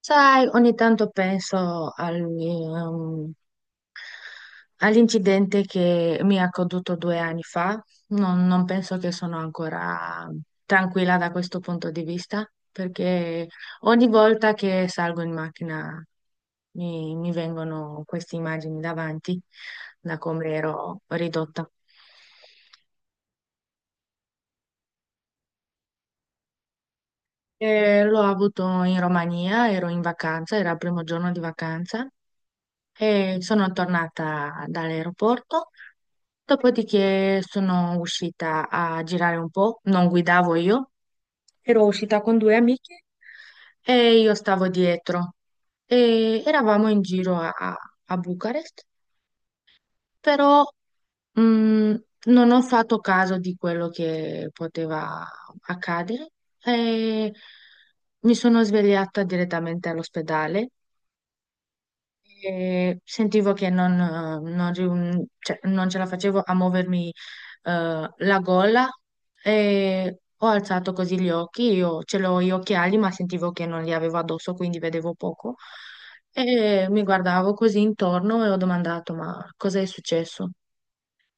Sai, ogni tanto penso all'incidente che mi è accaduto due anni fa. Non penso che sono ancora tranquilla da questo punto di vista, perché ogni volta che salgo in macchina mi vengono queste immagini davanti, da come ero ridotta. E l'ho avuto in Romania, ero in vacanza, era il primo giorno di vacanza. E sono tornata dall'aeroporto. Dopodiché sono uscita a girare un po', non guidavo io, ero uscita con due amiche e io stavo dietro. E eravamo in giro a Bucarest, però mh, non ho fatto caso di quello che poteva accadere e mi sono svegliata direttamente all'ospedale. E sentivo che non, non riun- cioè, non ce la facevo a muovermi, la gola, e ho alzato così gli occhi, io ce l'ho gli occhiali ma sentivo che non li avevo addosso quindi vedevo poco, e mi guardavo così intorno e ho domandato ma cosa è successo?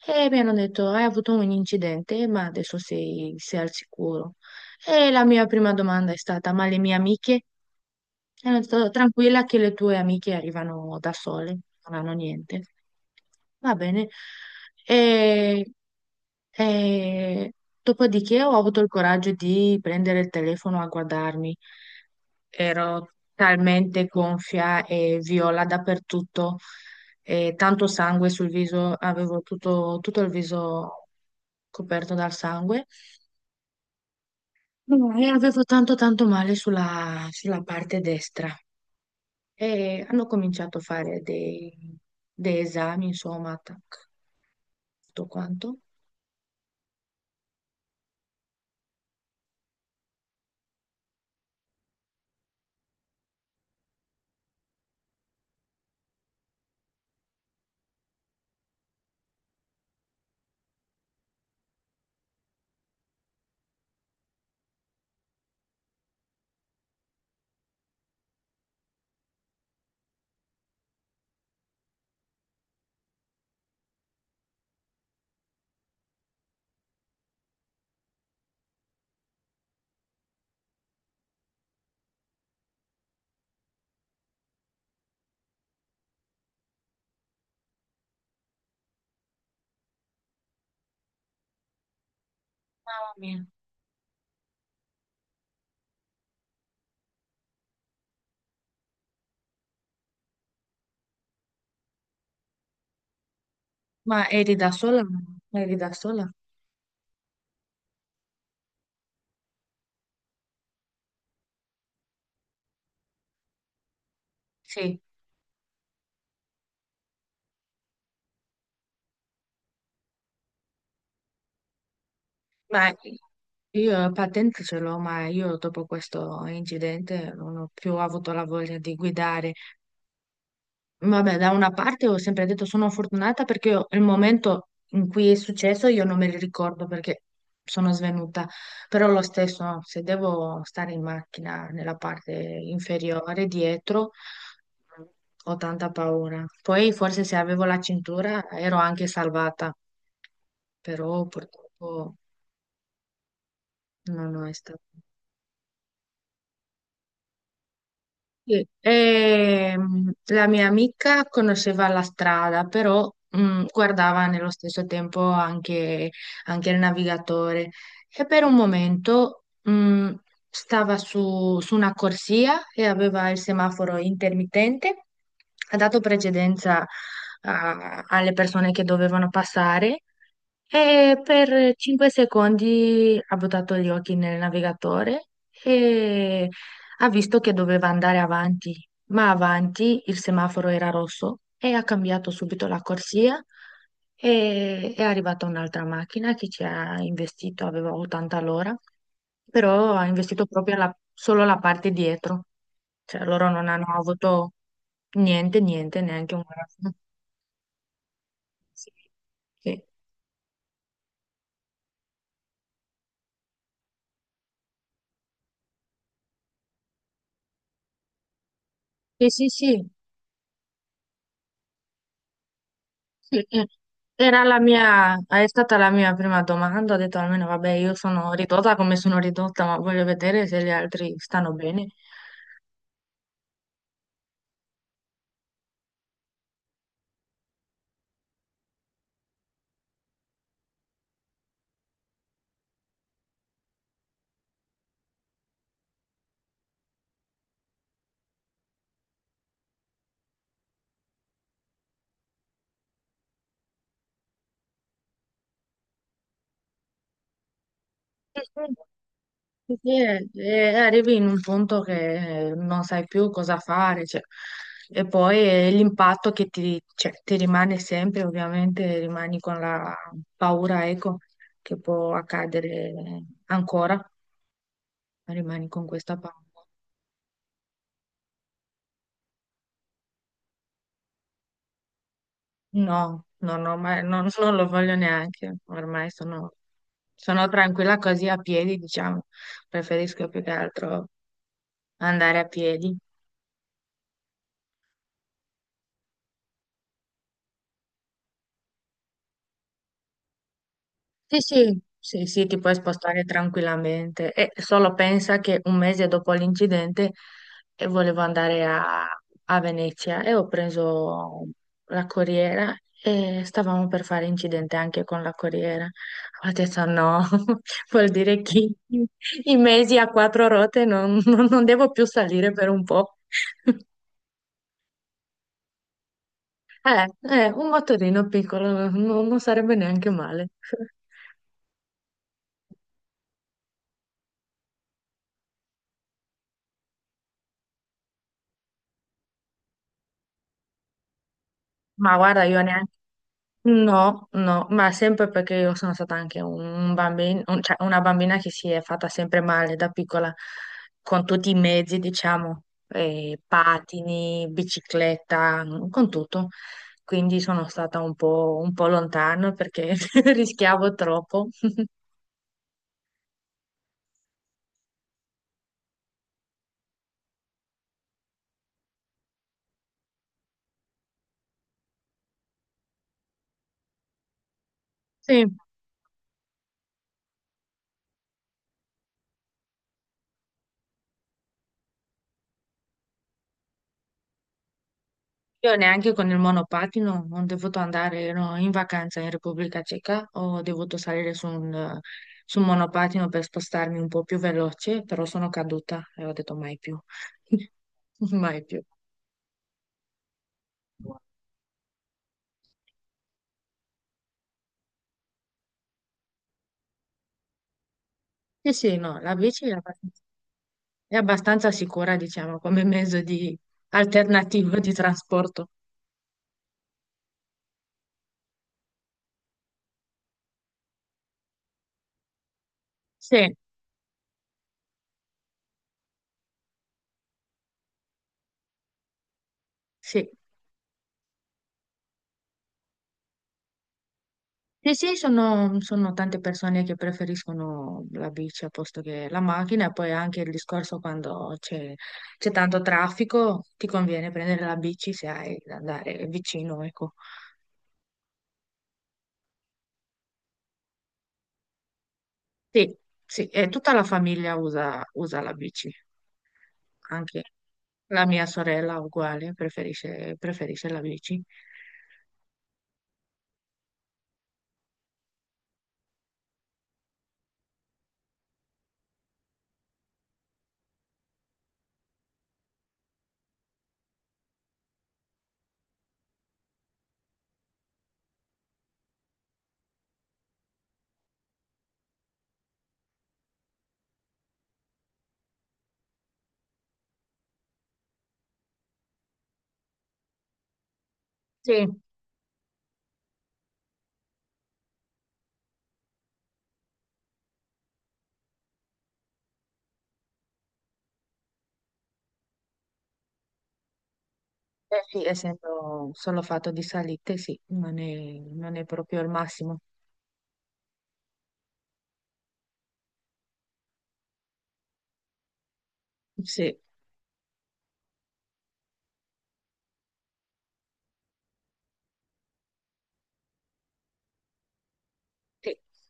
E mi hanno detto hai avuto un incidente ma adesso sei al sicuro. E la mia prima domanda è stata ma le mie amiche? E hanno detto, tranquilla che le tue amiche arrivano da sole, non hanno niente. Va bene. E, e dopodiché ho avuto il coraggio di prendere il telefono a guardarmi. Ero talmente gonfia e viola dappertutto, e tanto sangue sul viso, avevo tutto il viso coperto dal sangue. E avevo tanto tanto male sulla parte destra. E hanno cominciato a fare dei esami, insomma, tac, tutto quanto. Mamma mia. Ma eri da sola? Eri da sola? Sì, ma io la patente ce l'ho, ma io dopo questo incidente non ho più avuto la voglia di guidare. Vabbè, da una parte ho sempre detto sono fortunata perché io- il momento in cui è successo io non me li ricordo perché sono svenuta, però lo stesso, no, se devo stare in macchina nella parte inferiore, dietro, ho tanta paura. Poi forse se avevo la cintura ero anche salvata, però purtroppo non è stato. Sì, la mia amica conosceva la strada, però guardava nello stesso tempo anche, anche il navigatore, e per un momento stava su una corsia e aveva il semaforo intermittente, ha dato precedenza alle persone che dovevano passare, e per 5 secondi ha buttato gli occhi nel navigatore. E ha visto che doveva andare avanti, ma avanti il semaforo era rosso e ha cambiato subito la corsia, e è arrivata un'altra macchina che ci ha investito, aveva 80 all'ora, però ha investito proprio la- solo la parte dietro, cioè loro non hanno avuto niente, niente, neanche un grafo. Sì, sì, sì, sì. Sì. Sì, era la mia, è stata la mia prima domanda, ho detto almeno vabbè io sono ridotta come sono ridotta, ma voglio vedere se gli altri stanno bene. Sì, sì, sì, arrivi in un punto che non sai più cosa fare, cioè. E poi l'impatto che ti, cioè, ti rimane sempre, ovviamente rimani con la paura, ecco, che può accadere ancora, rimani con questa paura. No, no, no, ma non lo voglio neanche. Ormai sono tranquilla così a piedi, diciamo. Preferisco più che altro andare a piedi. Sì, sì, sì, sì, ti puoi spostare tranquillamente. E solo pensa che un mese dopo l'incidente volevo andare a Venezia e ho preso la corriera e stavamo per fare incidente anche con la corriera. Ho detto no, vuol dire che i mesi a quattro ruote non devo più salire per un po'. Eh, un motorino piccolo non sarebbe neanche male. Ma guarda, io neanche... No, no, ma sempre perché io sono stata anche un bambino, cioè una bambina che si è fatta sempre male da piccola con tutti i mezzi, diciamo, patini, bicicletta, con tutto. Quindi sono stata un po' lontano perché rischiavo troppo. Sì. Io neanche con il monopattino non dovuto andare, ero in vacanza in Repubblica Ceca, ho dovuto salire su su un monopattino per spostarmi un po' più veloce, però sono caduta e ho detto mai più, mai più. Sì, sì, no, la bici è abbastanza sicura, diciamo, come mezzo di alternativo di trasporto. Sì, sì. Sì, sì, sono, sono tante persone che preferiscono la bici a posto che la macchina e poi anche il discorso quando c'è tanto traffico, ti conviene prendere la bici se hai da andare vicino, ecco. Sì, sì, e tutta la famiglia usa la bici, anche la mia sorella uguale, preferisce la bici. Sì, eh sì, essendo solo fatto di salite, sì, non è proprio il massimo. Sì, sì.